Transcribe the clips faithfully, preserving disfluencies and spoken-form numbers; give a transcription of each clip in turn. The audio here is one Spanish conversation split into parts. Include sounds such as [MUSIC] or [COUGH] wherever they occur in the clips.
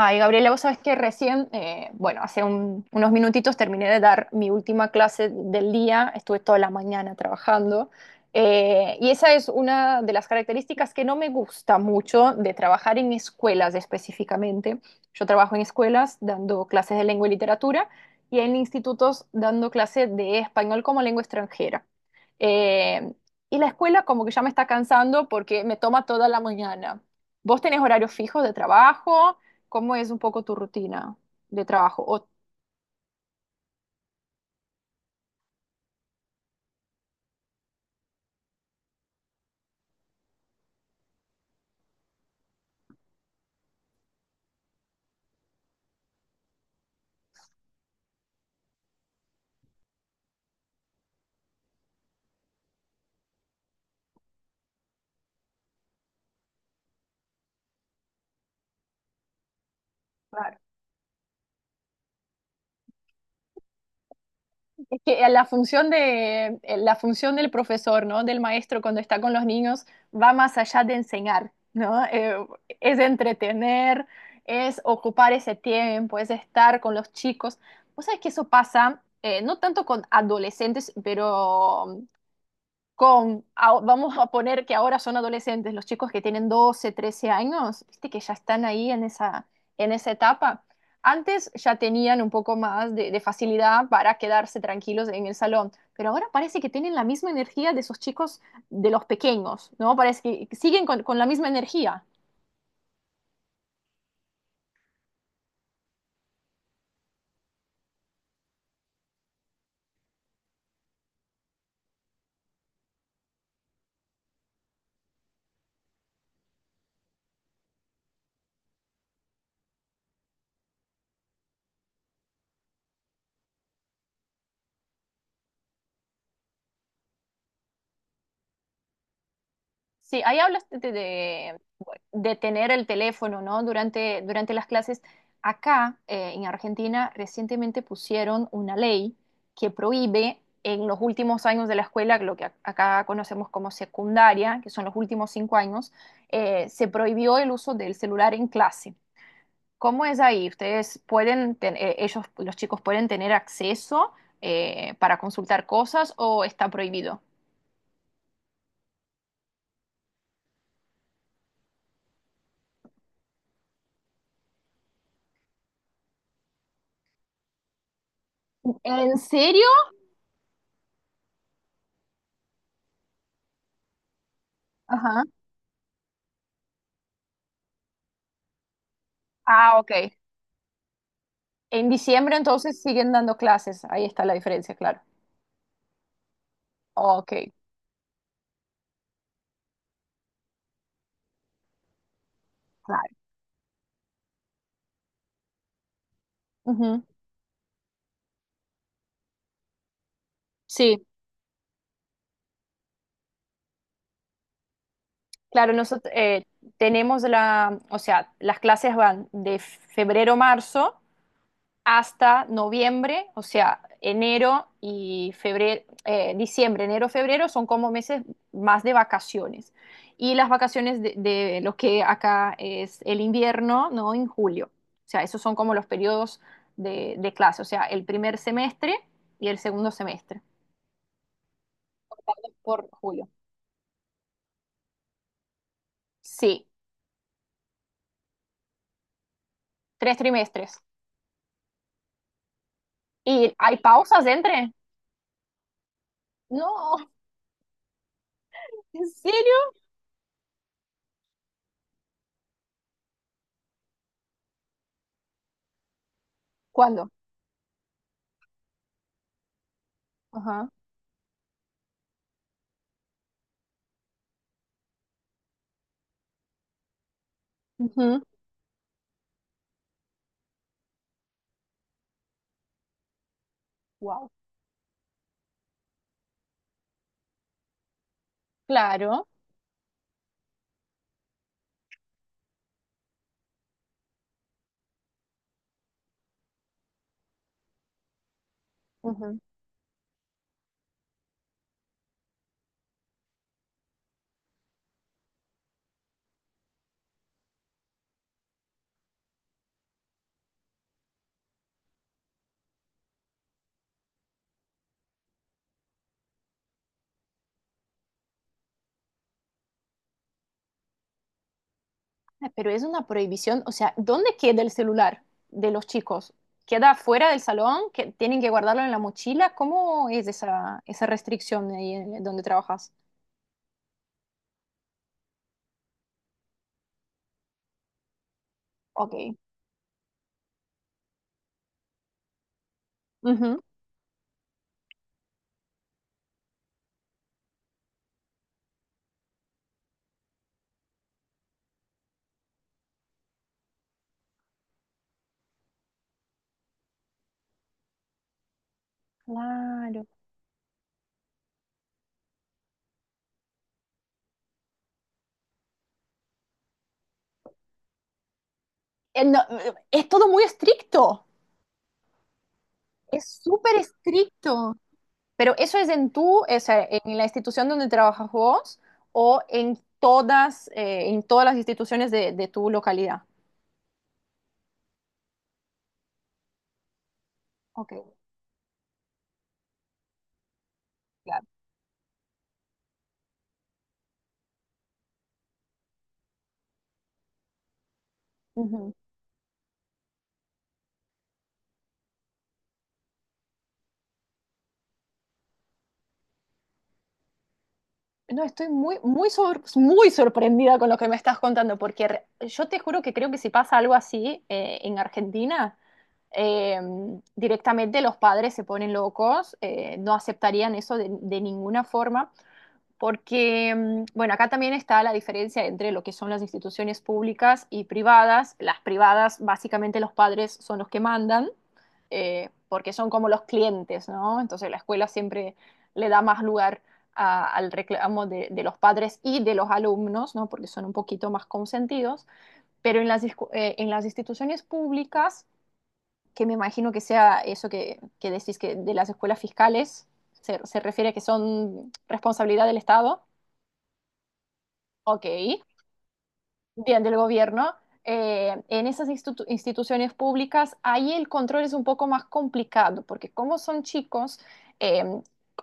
Ay, Gabriela, vos sabés que recién, eh, bueno, hace un- unos minutitos terminé de dar mi última clase del día, estuve toda la mañana trabajando, eh, y esa es una de las características que no me gusta mucho de trabajar en escuelas específicamente. Yo trabajo en escuelas dando clases de lengua y literatura y en institutos dando clases de español como lengua extranjera. Eh, y la escuela como que ya me está cansando porque me toma toda la mañana. ¿Vos tenés horarios fijos de trabajo? ¿Cómo es un poco tu rutina de trabajo? O, claro. Es que la función de, eh, la función del profesor, ¿no? Del maestro cuando está con los niños va más allá de enseñar, ¿no? Eh, es entretener, es ocupar ese tiempo, es estar con los chicos. Vos sabés que eso pasa, eh, no tanto con adolescentes, pero con, ah, vamos a poner que ahora son adolescentes, los chicos que tienen doce trece años, viste que ya están ahí en esa, en esa etapa. Antes ya tenían un poco más de, de facilidad para quedarse tranquilos en el salón, pero ahora parece que tienen la misma energía de esos chicos de los pequeños, ¿no? Parece que siguen con, con la misma energía. Sí, ahí hablas de, de, de tener el teléfono, ¿no? Durante, durante las clases. Acá, eh, en Argentina, recientemente pusieron una ley que prohíbe en los últimos años de la escuela, lo que a- acá conocemos como secundaria, que son los últimos cinco años, eh, se prohibió el uso del celular en clase. ¿Cómo es ahí? ¿Ustedes pueden, ten- eh, ellos, los chicos pueden tener acceso eh, para consultar cosas o está prohibido? ¿En serio? Ajá. Ah, ok. En diciembre entonces siguen dando clases, ahí está la diferencia, claro. Ok, claro. Ujú. Sí, claro, nosotros tenemos la, o sea, las clases van de febrero a marzo hasta noviembre, o sea, enero y febrero, eh, diciembre, enero, febrero son como meses más de vacaciones. Y las vacaciones de, de lo que acá es el invierno, ¿no? En julio. O sea, esos son como los periodos de, de clase, o sea, el primer semestre y el segundo semestre por julio. Sí, tres trimestres. ¿Y hay pausas entre? No, ¿en serio? ¿Cuándo? Ajá. Wow. Claro. Pero es una prohibición, o sea, ¿dónde queda el celular de los chicos? ¿Queda fuera del salón? ¿Que tienen que guardarlo en la mochila? ¿Cómo es esa, esa restricción ahí en- donde trabajas? Ok. Ujú. Claro. Eh, no, eh, es todo muy estricto, es súper estricto. Pero eso es en tú, o sea, en la institución donde trabajas vos o en todas, eh, en todas las instituciones de, de tu localidad. Ok, claro. No, estoy muy, muy, sor- muy sorprendida con lo que me estás contando, porque re- yo te juro que creo que si pasa algo así eh, en Argentina, eh, directamente los padres se ponen locos, eh, no aceptarían eso de, de ninguna forma, porque, mm, bueno, acá también está la diferencia entre lo que son las instituciones públicas y privadas. Las privadas, básicamente los padres son los que mandan, eh, porque son como los clientes, ¿no? Entonces la escuela siempre le da más lugar a- al reclamo de, de los padres y de los alumnos, ¿no? Porque son un poquito más consentidos. Pero en las, discu- eh, en las instituciones públicas, que me imagino que sea eso que, que decís que de las escuelas fiscales, se, se refiere a que son responsabilidad del Estado. Ok, bien del gobierno. Eh, en esas institu- instituciones públicas, ahí el control es un poco más complicado, porque como son chicos, eh,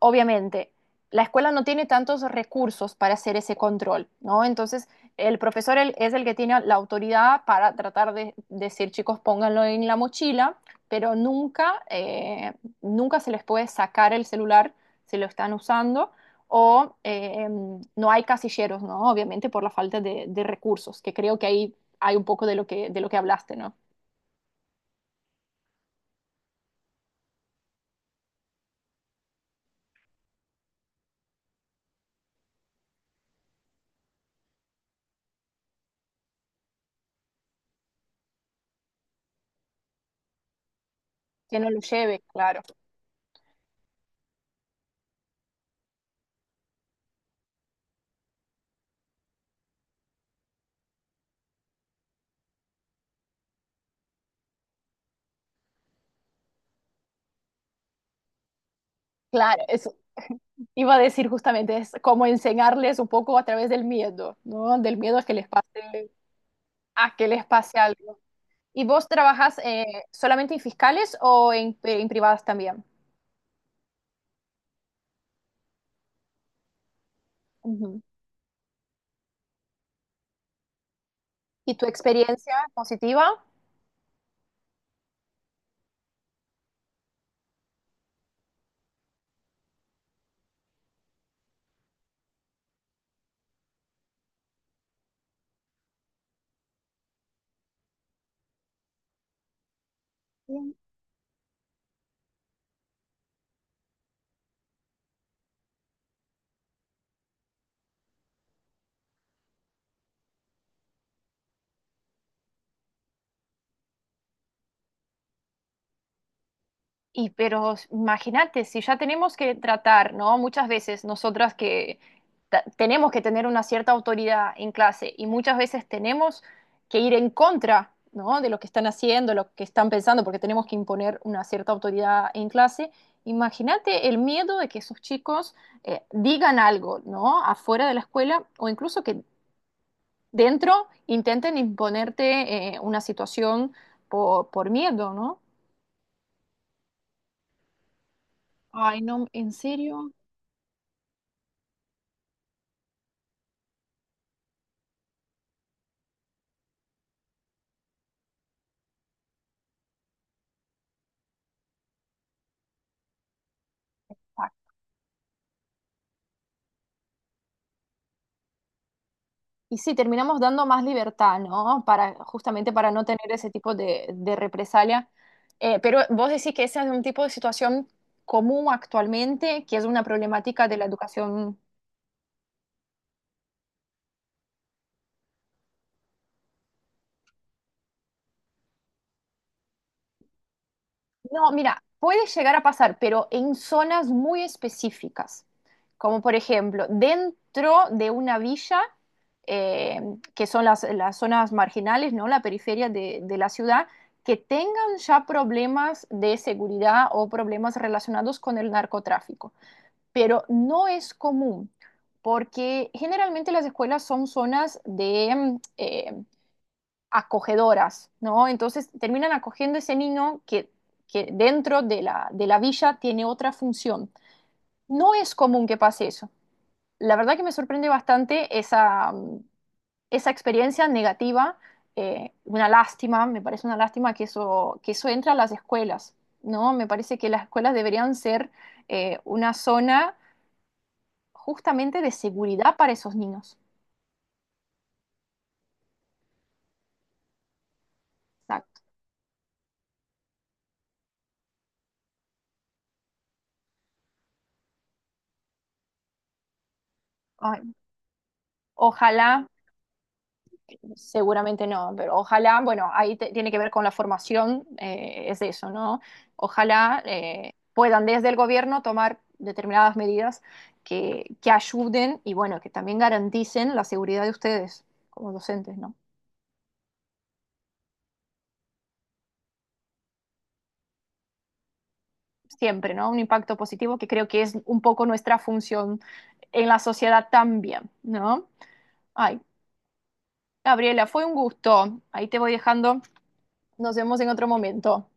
obviamente la escuela no tiene tantos recursos para hacer ese control, ¿no? Entonces, el profesor el- es el que tiene la autoridad para tratar de decir, chicos, pónganlo en la mochila, pero nunca, eh, nunca se les puede sacar el celular si lo están usando o eh, em, no hay casilleros, ¿no? Obviamente por la falta de, de recursos, que creo que ahí hay un poco de lo que, de lo que hablaste, ¿no? Que no lo lleve, claro. Claro, eso [LAUGHS] iba a decir justamente, es como enseñarles un poco a través del miedo, ¿no? Del miedo a que les pase, a que les pase algo. ¿Y vos trabajas eh, solamente en fiscales o en, en privadas también? Ujú. ¿Y tu experiencia positiva? Y pero s- imagínate, si ya tenemos que tratar, ¿no? Muchas veces nosotras que ta- tenemos que tener una cierta autoridad en clase y muchas veces tenemos que ir en contra, ¿no? De lo que están haciendo, lo que están pensando, porque tenemos que imponer una cierta autoridad en clase. Imagínate el miedo de que esos chicos eh, digan algo, ¿no? Afuera de la escuela o incluso que dentro intenten imponerte eh, una situación por, por miedo, ¿no? Ay, no, ¿en serio? Y sí, terminamos dando más libertad, ¿no? Para, justamente para no tener ese tipo de, de represalia. Eh, pero vos decís que ese es un tipo de situación común actualmente, que es una problemática de la educación. No, mira, puede llegar a pasar, pero en zonas muy específicas, como por ejemplo dentro de una villa, eh, que son las, las zonas marginales, ¿no? La periferia de, de la ciudad, que tengan ya problemas de seguridad o problemas relacionados con el narcotráfico. Pero no es común, porque generalmente las escuelas son zonas de, mm, eh, acogedoras, ¿no? Entonces terminan acogiendo ese niño que, que dentro de la, de la villa tiene otra función. No es común que pase eso. La verdad que me sorprende bastante esa, mm, esa experiencia negativa, eh, una lástima, me parece una lástima que eso, que eso entra a las escuelas, ¿no? Me parece que las escuelas deberían ser eh, una zona justamente de seguridad para esos niños. Exacto. Ay, ojalá. Seguramente no, pero ojalá, bueno, ahí te- tiene que ver con la formación, eh, es eso, ¿no? Ojalá eh, puedan desde el gobierno tomar determinadas medidas que, que ayuden y bueno, que también garanticen la seguridad de ustedes como docentes, ¿no? Siempre, ¿no? Un impacto positivo que creo que es un poco nuestra función en la sociedad también, ¿no? Ay, Gabriela, fue un gusto. Ahí te voy dejando. Nos vemos en otro momento.